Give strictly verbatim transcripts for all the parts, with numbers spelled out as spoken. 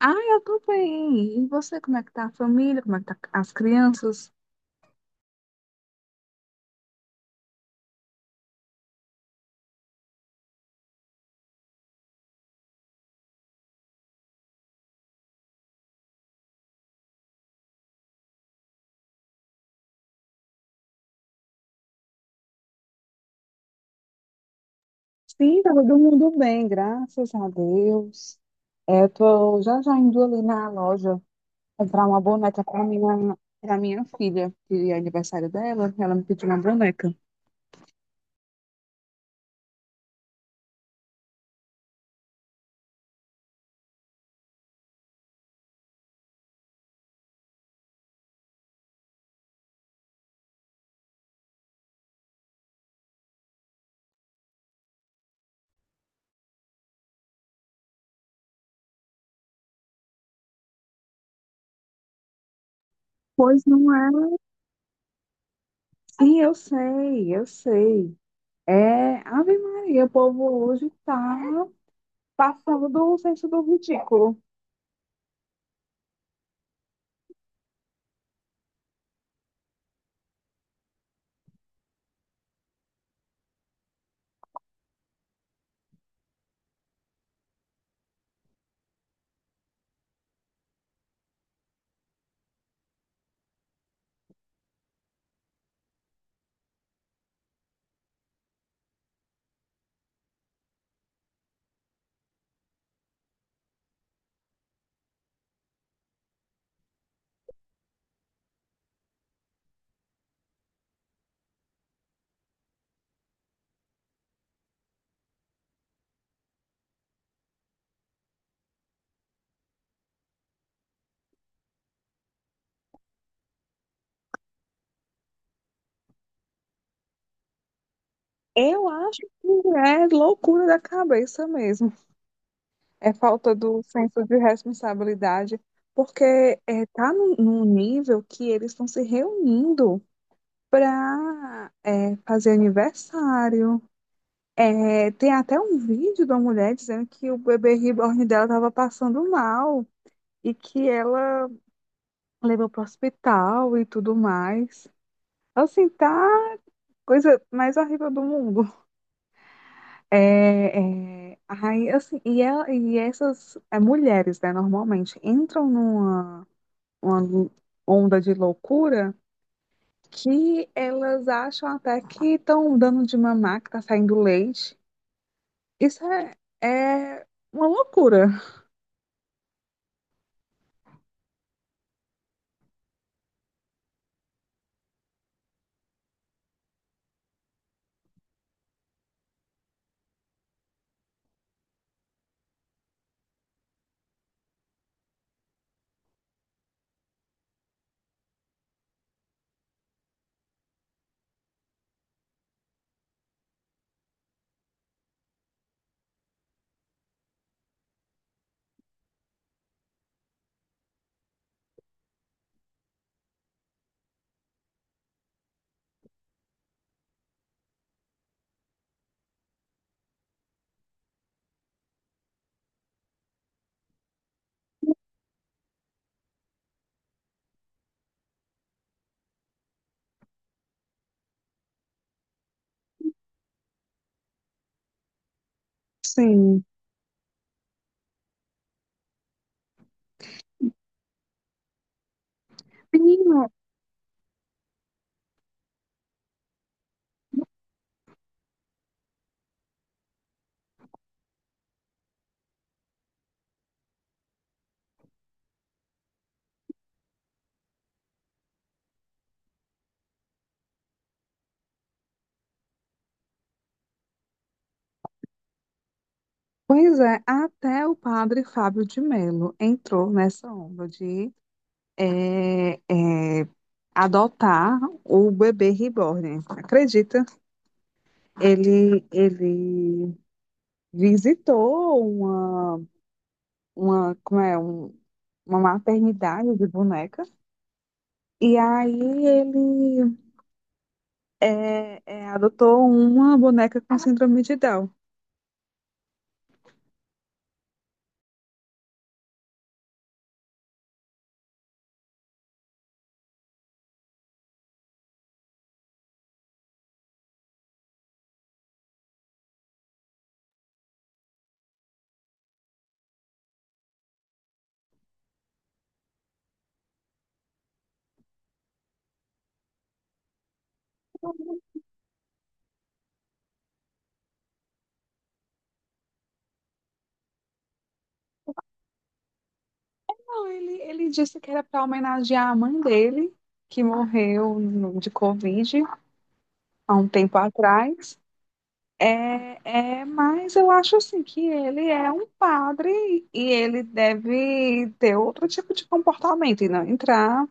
Ah, eu tô bem. E você, como é que tá a família? Como é que tá as crianças? Sim, tá todo mundo bem, graças a Deus. É, eu tô já já indo ali na loja comprar uma boneca para minha, para minha filha, que é aniversário dela, ela me pediu uma boneca. Pois não é? Sim, eu sei, eu sei. É, Ave Maria, o povo hoje tá passando do senso do ridículo. Eu acho que é loucura da cabeça mesmo. É falta do senso de responsabilidade, porque é, tá num, num nível que eles estão se reunindo para fazer aniversário. É, tem até um vídeo da mulher dizendo que o bebê reborn dela estava passando mal e que ela levou para o hospital e tudo mais. Assim, tá coisa mais horrível do mundo. É, é, aí, assim, e, ela, e essas é, mulheres, né, normalmente entram numa uma onda de loucura que elas acham até que estão dando de mamar, que tá saindo leite. Isso é, é uma loucura. Sim. Menino, pois é, até o padre Fábio de Mello entrou nessa onda de é, é, adotar o bebê reborn. Acredita? Ele, ele visitou uma, uma, como é, um- uma maternidade de bonecas. E aí ele é, é, adotou uma boneca com síndrome de Down. Não, ele, ele disse que era para homenagear a mãe dele, que morreu no- de Covid há um tempo atrás. É, é, mas eu acho assim que ele é um padre e ele deve ter outro tipo de comportamento e não entrar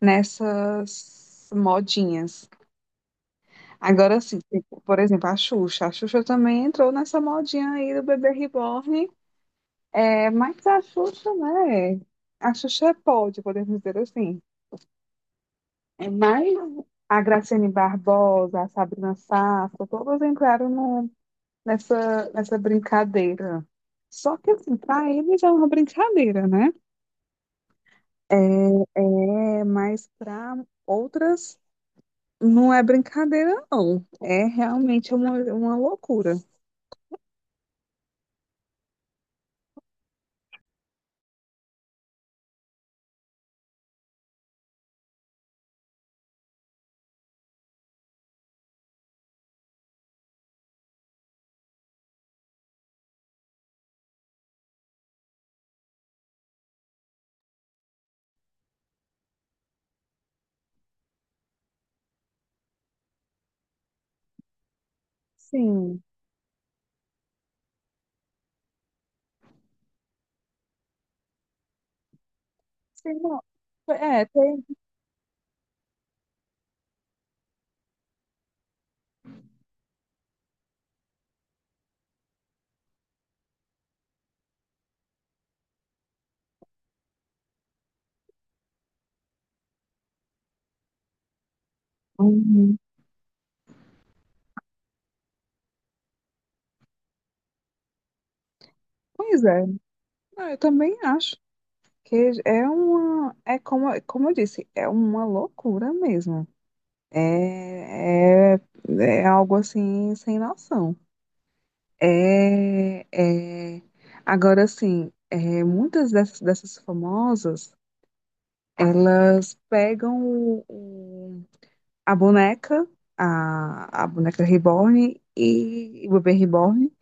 nessas modinhas. Agora, assim, tipo, por exemplo, a Xuxa. A Xuxa também entrou nessa modinha aí do bebê reborn. É mais a Xuxa, né? A Xuxa é pode, podemos dizer assim. É mais a Graciane Barbosa, a Sabrina Sato, todas entraram no- nessa, nessa brincadeira. Só que, assim, para eles é uma brincadeira, né? É, é, mas para outras não é brincadeira, não. É realmente uma, uma loucura. Sim. Sim, não. É, tem. Uhum. Pois é. Não, eu também acho. Que é uma, é como, como eu disse, é uma loucura mesmo. É, é, é algo assim sem noção. É, é, agora assim, é, muitas dessas, dessas famosas, elas pegam o- o- a boneca, a, a boneca reborn e o bebê reborn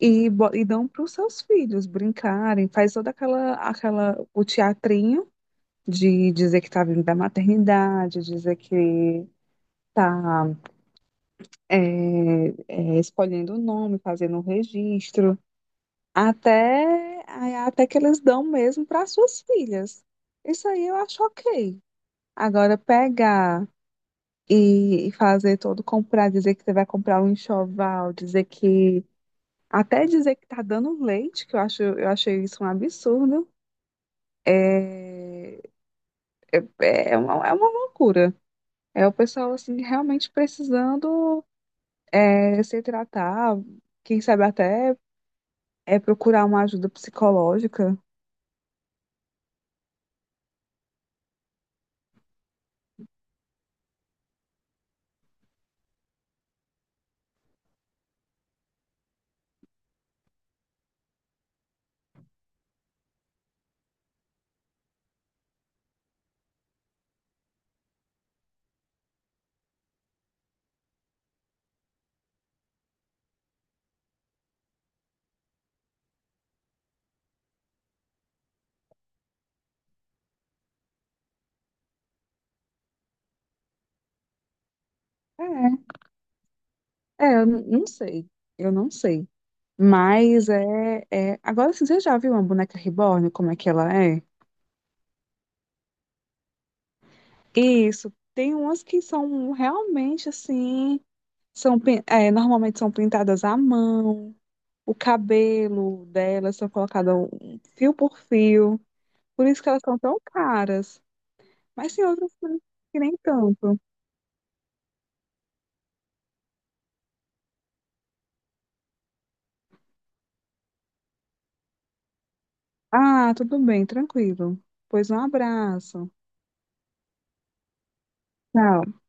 e, bo- e dão para os seus filhos brincarem, faz toda aquela, aquela, o teatrinho de dizer que está vindo da maternidade, dizer que está é, é, escolhendo o nome, fazendo o registro, até, até que eles dão mesmo para suas filhas. Isso aí eu acho ok. Agora, pegar e, e fazer todo comprar, dizer que você vai comprar um enxoval, dizer que. Até dizer que tá dando leite, que eu acho, eu achei isso um absurdo. É, é uma, é uma loucura. É o pessoal assim realmente precisando é, se tratar, quem sabe até é procurar uma ajuda psicológica. É, é, eu n- não sei, eu não sei. Mas é, é... Agora, assim, você já viu uma boneca reborn, como é que ela é? Isso, tem umas que são realmente assim, são, pin- é, normalmente são pintadas à mão, o cabelo delas são colocadas um- fio por fio, por isso que elas são tão caras. Mas tem outras coisas que nem tanto. Ah, tudo bem, tranquilo. Pois um abraço. Tchau.